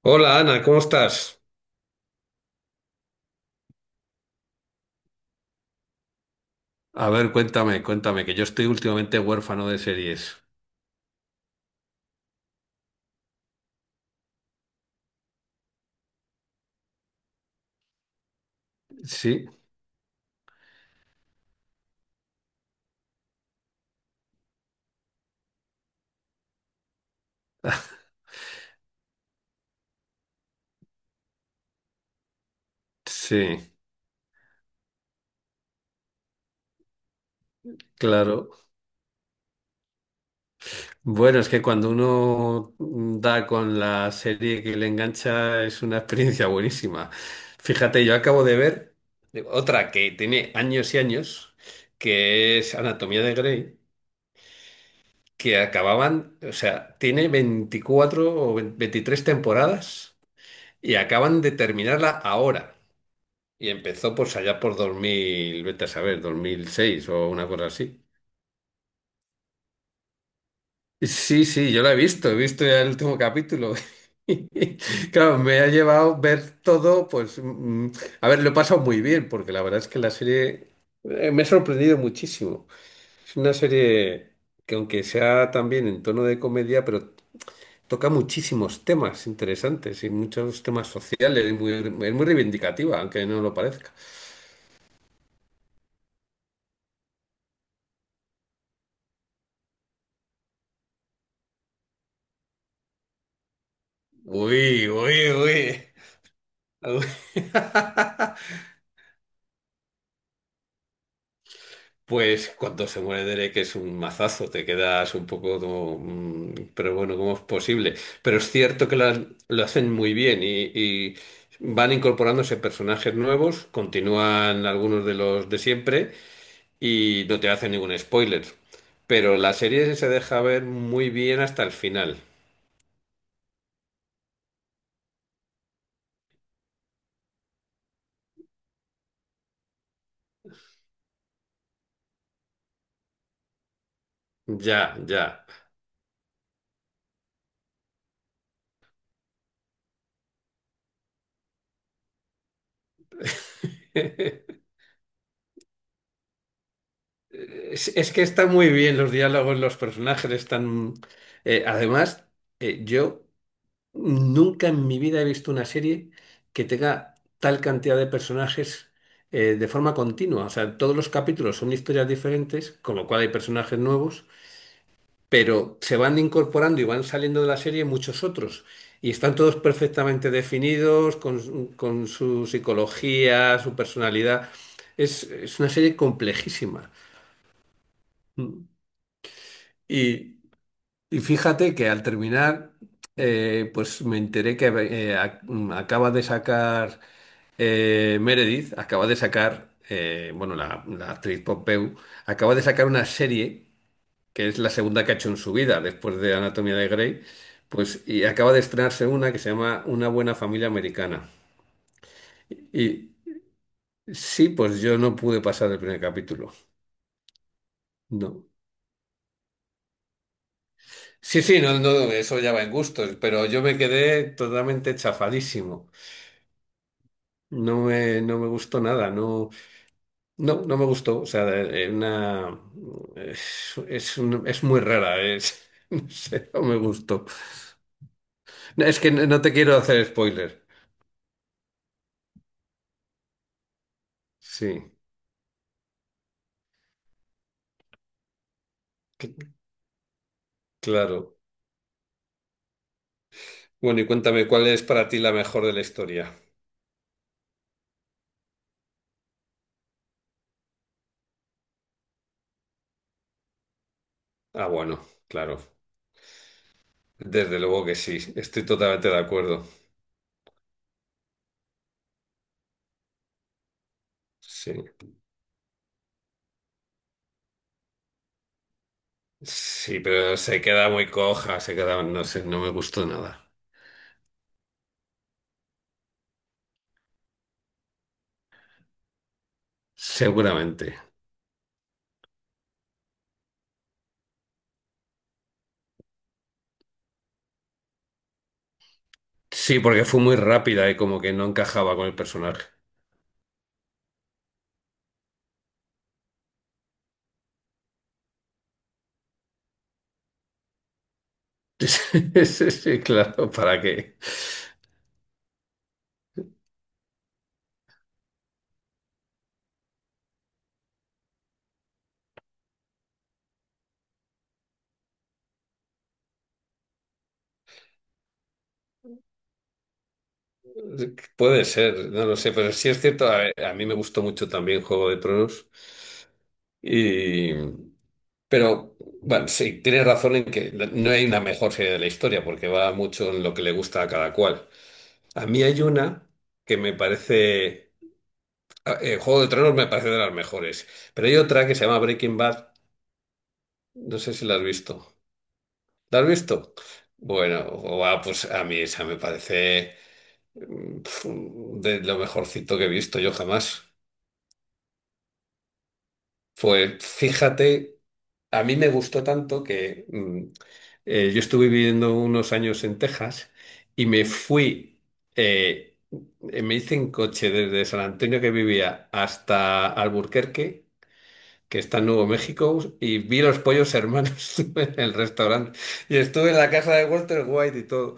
Hola Ana, ¿cómo estás? A ver, cuéntame, cuéntame, que yo estoy últimamente huérfano de series. Sí, sí, claro. Bueno, es que cuando uno da con la serie que le engancha es una experiencia buenísima. Fíjate, yo acabo de ver otra que tiene años y años, que es Anatomía de Grey, que acababan, o sea, tiene 24 o 23 temporadas y acaban de terminarla ahora. Y empezó pues allá por 2000 vete a saber, 2006 o una cosa así. Sí, sí, yo la he visto ya el último capítulo. Claro, me ha llevado ver todo, pues, a ver, lo he pasado muy bien, porque la verdad es que la serie me ha sorprendido muchísimo. Es una serie que aunque sea también en tono de comedia, pero toca muchísimos temas interesantes y muchos temas sociales, y es muy reivindicativa, aunque no lo parezca. Uy, uy, uy. Pues cuando se muere Derek es un mazazo, te quedas un poco como. Pero bueno, ¿cómo es posible? Pero es cierto que lo hacen muy bien y van incorporándose personajes nuevos, continúan algunos de los de siempre y no te hacen ningún spoiler. Pero la serie se deja ver muy bien hasta el final. Ya, ya. Es que están muy bien los diálogos, los personajes están... eh, además, eh, yo... Nunca en mi vida he visto una serie que tenga tal cantidad de personajes de forma continua. O sea, todos los capítulos son historias diferentes, con lo cual hay personajes nuevos, pero se van incorporando y van saliendo de la serie muchos otros. Y están todos perfectamente definidos, con su psicología, su personalidad. Es una serie complejísima. Y, y fíjate que al terminar, pues me enteré que acaba de sacar... Meredith acaba de sacar, bueno, la actriz Pop Behu, acaba de sacar una serie que es la segunda que ha hecho en su vida después de Anatomía de Grey, pues y acaba de estrenarse una que se llama Una buena familia americana. Y sí, pues yo no pude pasar el primer capítulo. No. Sí, sí, no, no, eso ya va en gustos, pero yo me quedé totalmente chafadísimo. No me gustó nada, no. No, no me gustó. O sea, una... es muy rara. Es... No sé, no me gustó. No, es que no te quiero hacer spoiler. Sí, cl- claro. Bueno, y cuéntame, ¿cuál es para ti la mejor de la historia? Ah, bueno, claro. Desde luego que sí. Estoy totalmente de acuerdo. Sí. Sí, pero se queda muy coja, se queda, no sé, no me gustó nada. Seguramente. Sí, porque fue muy rápida y como que no encajaba con el personaje. Sí, sí, sí, claro, ¿para qué? Puede ser, no lo sé, pero sí es cierto, a mí me gustó mucho también Juego de Tronos y pero bueno, sí, tienes razón en que no hay una mejor serie de la historia porque va mucho en lo que le gusta a cada cual. A mí hay una que me parece Juego de Tronos me parece de las mejores, pero hay otra que se llama Breaking Bad, no sé si la has visto. ¿La has visto? Bueno, guau, pues a mí esa me parece pf, de lo mejorcito que he visto yo jamás. Pues fíjate, a mí me gustó tanto que yo estuve viviendo unos años en Texas y me fui, eh, me hice en coche desde San Antonio que vivía hasta Alburquerque, que está en Nuevo México, y vi los pollos hermanos en el restaurante. Y estuve en la casa de Walter White y todo.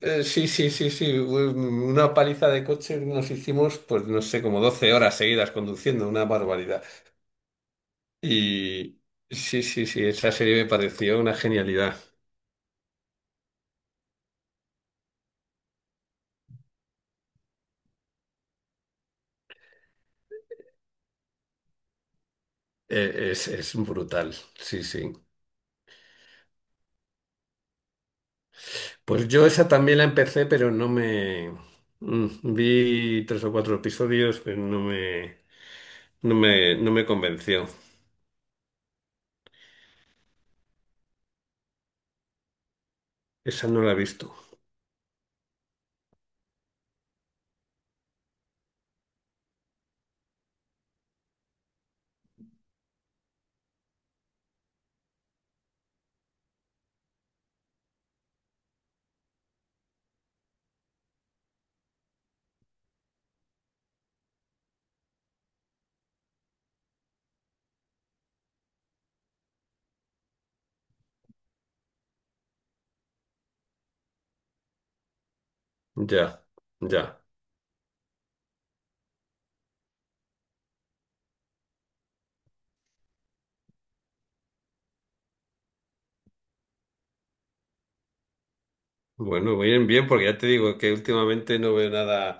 Sí, sí, sí, sí. Una paliza de coche nos hicimos, pues no sé, como 12 horas seguidas conduciendo, una barbaridad. Y sí, sí, sí, esa serie me pareció una genialidad. Es brutal, sí, sí. Pues yo esa también la empecé, pero no me... vi tres o cuatro episodios, pero no me convenció. Esa no la he visto. Ya, ya. Bueno, bien, bien, porque ya te digo que últimamente no veo nada.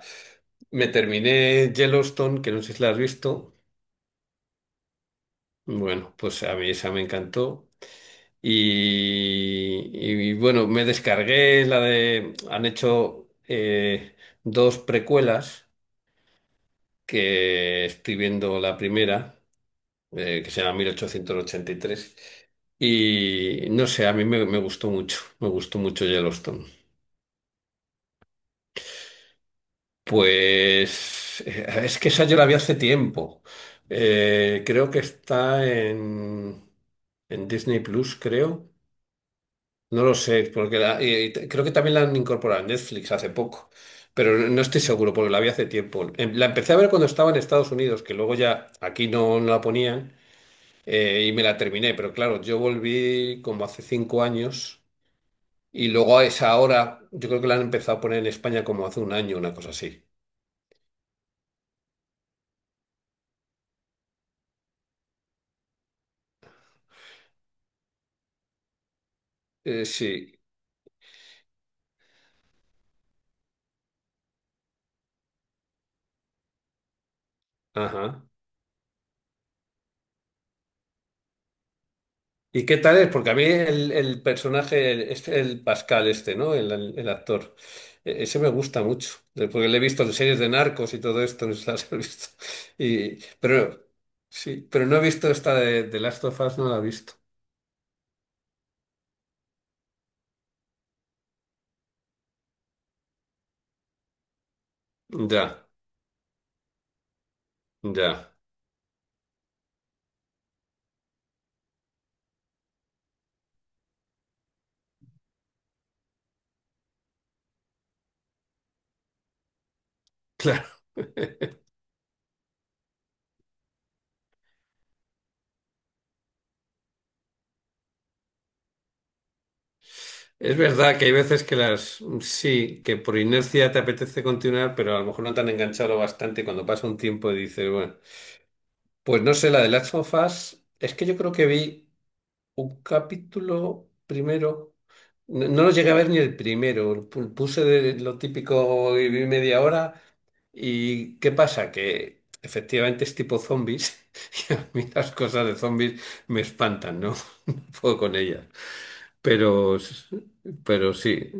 Me terminé Yellowstone, que no sé si la has visto. Bueno, pues a mí esa me encantó. Bueno, me descargué la de... Han hecho dos precuelas que estoy viendo la primera, que se llama 1883. Y tres. Y no sé, me gustó mucho Yellowstone. Pues es que esa yo la vi hace tiempo. Creo que está en Disney Plus, creo. No lo sé, porque creo que también la han incorporado en Netflix hace poco, pero no estoy seguro porque la vi hace tiempo. Em, la empecé a ver cuando estaba en Estados Unidos, que luego ya aquí no la ponían y me la terminé, pero claro, yo volví como hace cinco años y luego a esa hora yo creo que la han empezado a poner en España como hace un año, una cosa así. Sí, ajá. ¿Y qué tal es? Porque a mí el Pascal este, ¿no? El actor, ese me gusta mucho, porque le he visto en series de narcos y todo esto, no sé si las he visto. Y, pero, sí, pero no he visto esta de Last of Us, no la he visto. Ya, ya, claro. Es verdad que hay veces que sí, que por inercia te apetece continuar, pero a lo mejor no te han enganchado bastante y cuando pasa un tiempo y dices, bueno, pues no sé, la de Last of Us, es que yo creo que vi... un capítulo primero. No, no lo llegué a ver ni el primero. Puse de lo típico y vi media hora. ¿Y qué pasa? Que efectivamente es tipo zombies. Y a mí las cosas de zombies me espantan, ¿no? No puedo con ellas. Pero, pero sí,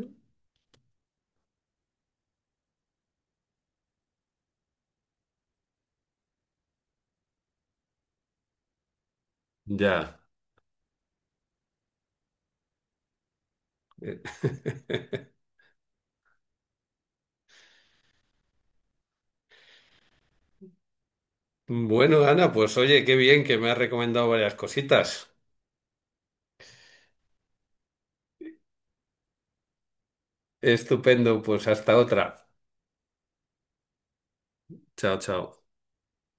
ya. Eh, Bueno, Ana, pues oye, qué bien que me has recomendado varias cositas. Estupendo, pues hasta otra. Chao, chao.